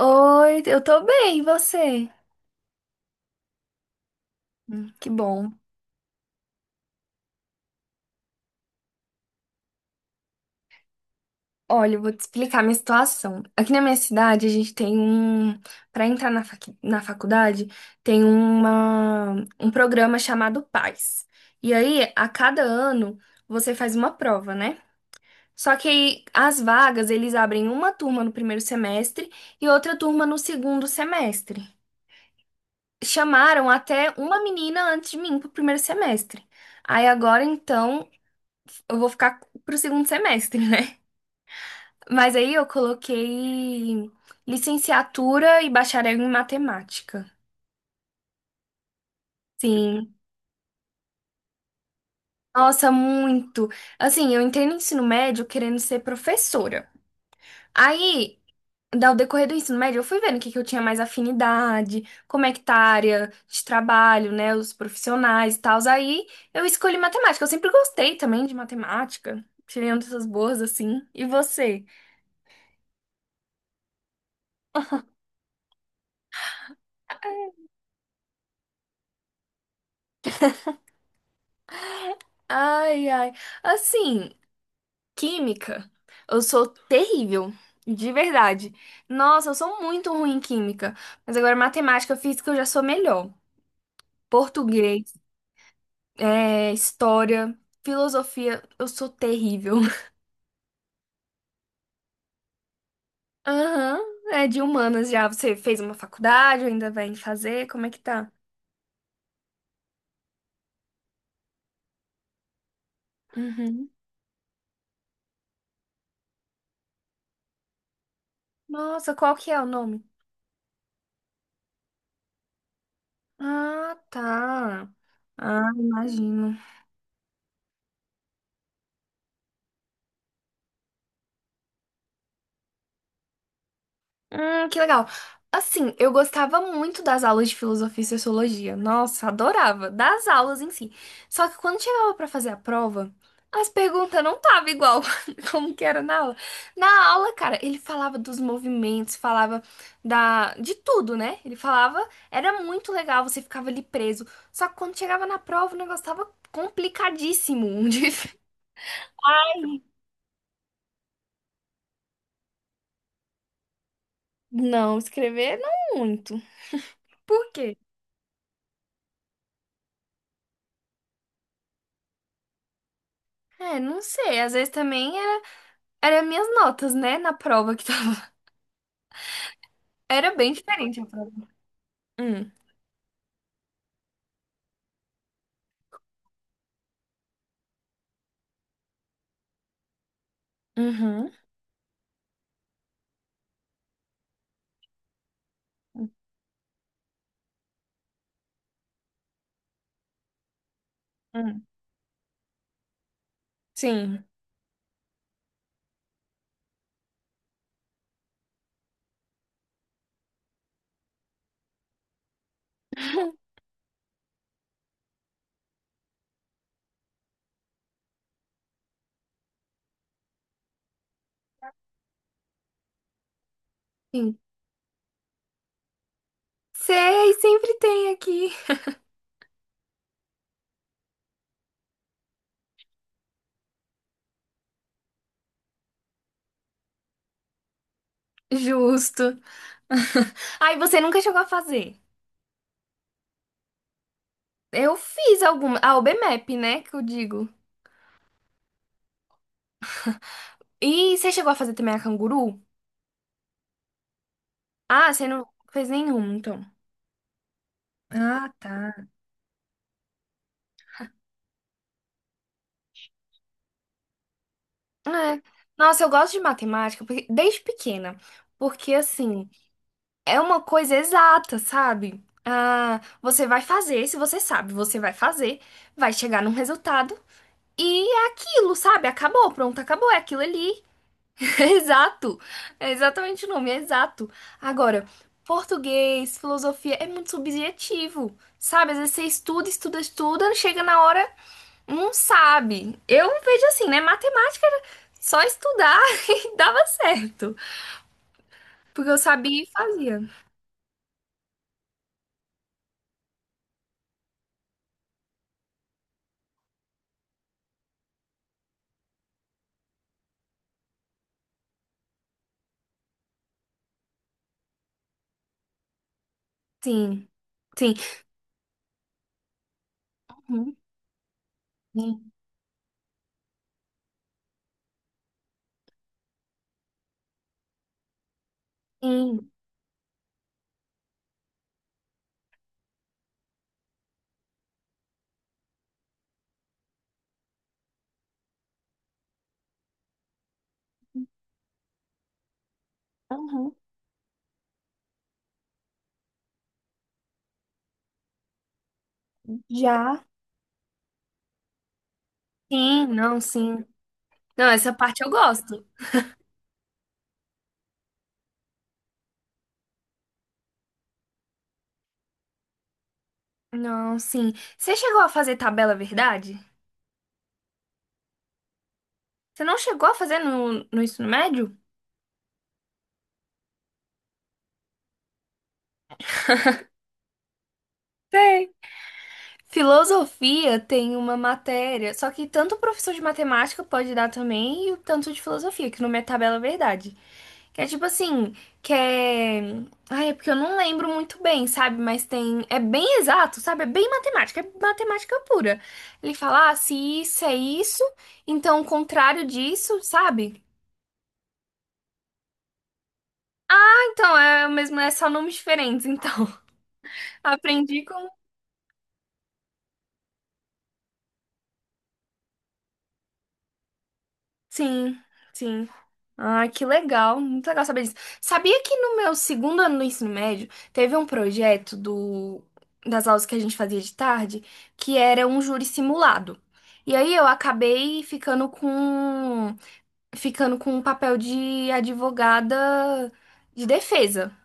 Oi, eu tô bem, e você? Que bom. Olha, eu vou te explicar a minha situação. Aqui na minha cidade, a gente tem um. Para entrar na, na faculdade, tem um programa chamado PAS. E aí, a cada ano, você faz uma prova, né? Só que aí, as vagas, eles abrem uma turma no primeiro semestre e outra turma no segundo semestre. Chamaram até uma menina antes de mim pro primeiro semestre. Aí agora, então, eu vou ficar pro segundo semestre, né? Mas aí eu coloquei licenciatura e bacharel em matemática. Sim. Nossa, muito. Assim, eu entrei no ensino médio querendo ser professora. Aí, ao decorrer do ensino médio, eu fui vendo o que que eu tinha mais afinidade, como é que tá a área de trabalho, né? Os profissionais e tal. Aí eu escolhi matemática. Eu sempre gostei também de matemática. Tirei uma dessas boas, assim. E você? Ai, ai. Assim. Química, eu sou terrível, de verdade. Nossa, eu sou muito ruim em química. Mas agora matemática, física eu já sou melhor. Português, é, história, filosofia, eu sou terrível. Aham, é de humanas já. Você fez uma faculdade, ou ainda vai fazer? Como é que tá? Uhum. Nossa, qual que é o nome? Ah, tá. Ah, imagino. Que legal. Assim, eu gostava muito das aulas de filosofia e sociologia. Nossa, adorava. Das aulas em si. Só que quando chegava pra fazer a prova, as perguntas não estavam igual como que era na aula. Na aula, cara, ele falava dos movimentos, falava da de tudo, né? Ele falava, era muito legal, você ficava ali preso. Só que quando chegava na prova, o negócio tava complicadíssimo. Não, escrever não muito. Por quê? É, não sei. Às vezes também era minhas notas, né, na prova que tava. Era bem diferente a prova. Hum, uhum, hum, sim. Sim. Sei, sempre tem aqui. Justo. Ai, você nunca chegou a fazer. Eu fiz alguma. A OBMEP, né, que eu digo. E você chegou a fazer também a canguru? Ah, você não fez nenhum então. Ah, tá. É. Nossa, eu gosto de matemática porque- desde pequena. Porque, assim, é uma coisa exata, sabe? Ah, você vai fazer, se você sabe, você vai fazer, vai chegar num resultado e é aquilo, sabe? Acabou, pronto, acabou, é aquilo ali. Exato. É exatamente o nome, é exato. Agora, português, filosofia é muito subjetivo, sabe? Às vezes você estuda, chega na hora, não sabe. Eu vejo assim, né? Matemática era só estudar e dava certo, porque eu sabia e fazia. Sim, sim. Uhum. Sim, sim. Aham. Já. Sim, não, sim. Não, essa parte eu gosto. Não, sim. Você chegou a fazer tabela verdade? Você não chegou a fazer no ensino médio? Sei. Filosofia tem uma matéria, só que tanto o professor de matemática pode dar também, e o tanto de filosofia, que não é tabela verdade. Que é tipo assim, que é. Ai, é porque eu não lembro muito bem, sabe? Mas tem. É bem exato, sabe? É bem matemática, é matemática pura. Ele fala, ah, se isso é isso, então o contrário disso, sabe? Então, é o mesmo, é só nomes diferentes, então. Aprendi com sim, sim. Ah, que legal, muito legal saber disso. Sabia que no meu segundo ano do ensino médio teve um projeto do, das aulas que a gente fazia de tarde que era um júri simulado. E aí eu acabei ficando com um papel de advogada de defesa.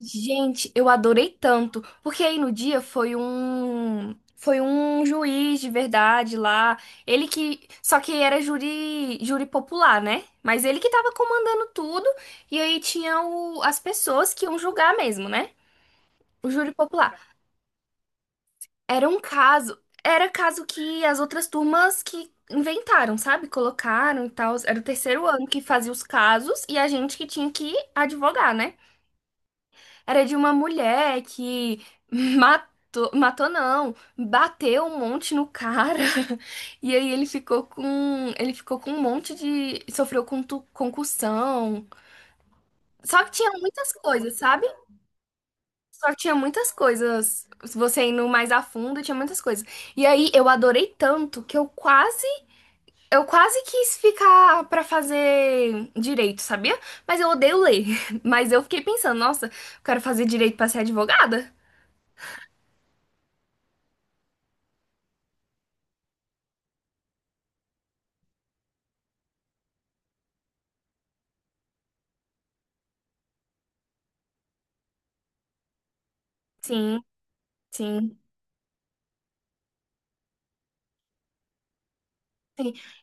Gente, eu adorei tanto, porque aí no dia foi foi um juiz de verdade lá, ele que só que era júri popular, né? Mas ele que tava comandando tudo e aí tinha o, as pessoas que iam julgar mesmo, né? O júri popular. Era um caso, era caso que as outras turmas que inventaram, sabe? Colocaram e tal, era o terceiro ano que fazia os casos e a gente que tinha que advogar, né? Era de uma mulher que matou não, bateu um monte no cara. E aí ele ficou com um monte de, sofreu com concussão. Só que tinha muitas coisas, sabe? Só que tinha muitas coisas. Você indo mais a fundo, tinha muitas coisas. E aí eu adorei tanto que eu quase quis ficar pra fazer direito, sabia? Mas eu odeio ler. Mas eu fiquei pensando, nossa, eu quero fazer direito pra ser advogada. Sim, sim.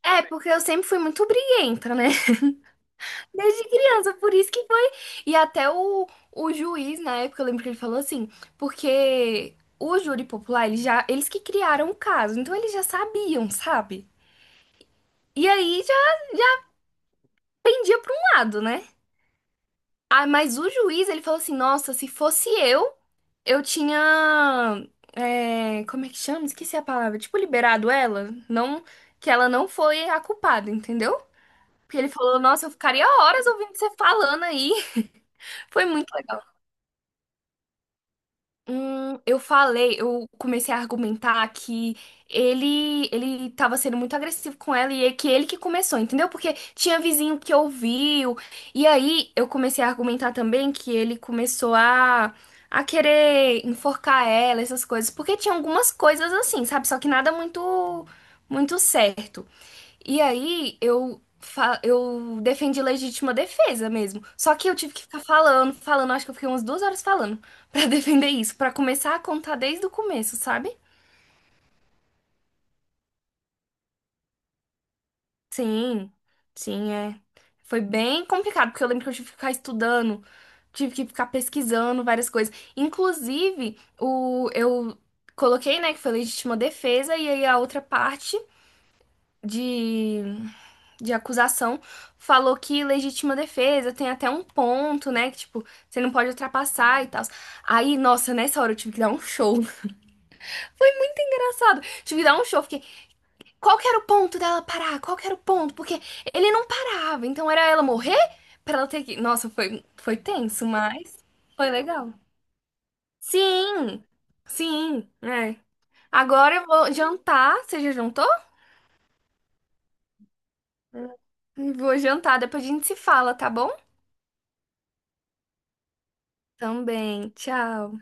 É, porque eu sempre fui muito briguenta, né? Desde criança, por isso que foi. E até o juiz, na época, eu lembro que ele falou assim, porque o júri popular, eles já, eles que criaram o caso, então eles já sabiam, sabe? E aí já pendia pra um lado, né? Ah, mas o juiz, ele falou assim, nossa, se fosse eu tinha, é, como é que chama? Esqueci a palavra. Tipo, liberado ela, não, que ela não foi a culpada, entendeu? Porque ele falou, nossa, eu ficaria horas ouvindo você falando aí. Foi muito legal. Eu comecei a argumentar que ele tava sendo muito agressivo com ela e é que ele que começou, entendeu? Porque tinha vizinho que ouviu. E aí eu comecei a argumentar também que ele começou a querer enforcar ela, essas coisas, porque tinha algumas coisas assim, sabe? Só que nada muito certo. E aí eu defendi legítima defesa mesmo. Só que eu tive que ficar falando, acho que eu fiquei umas 2 horas falando pra defender isso, pra começar a contar desde o começo, sabe? Sim, sim, é. Foi bem complicado, porque eu lembro que eu tive que ficar estudando, tive que ficar pesquisando várias coisas. Inclusive, o, eu coloquei, né, que foi legítima defesa, e aí a outra parte de de acusação, falou que legítima defesa tem até um ponto, né? Que, tipo, você não pode ultrapassar e tal. Aí, nossa, nessa hora eu tive que dar um show. Foi engraçado. Tive que dar um show. Fiquei, qual que era o ponto dela parar? Qual que era o ponto? Porque ele não parava. Então, era ela morrer pra ela ter que... Nossa, foi, foi tenso, mas foi legal. Sim, sim, é. Agora eu vou jantar. Você já jantou? Vou jantar. Depois a gente se fala, tá bom? Também. Tchau.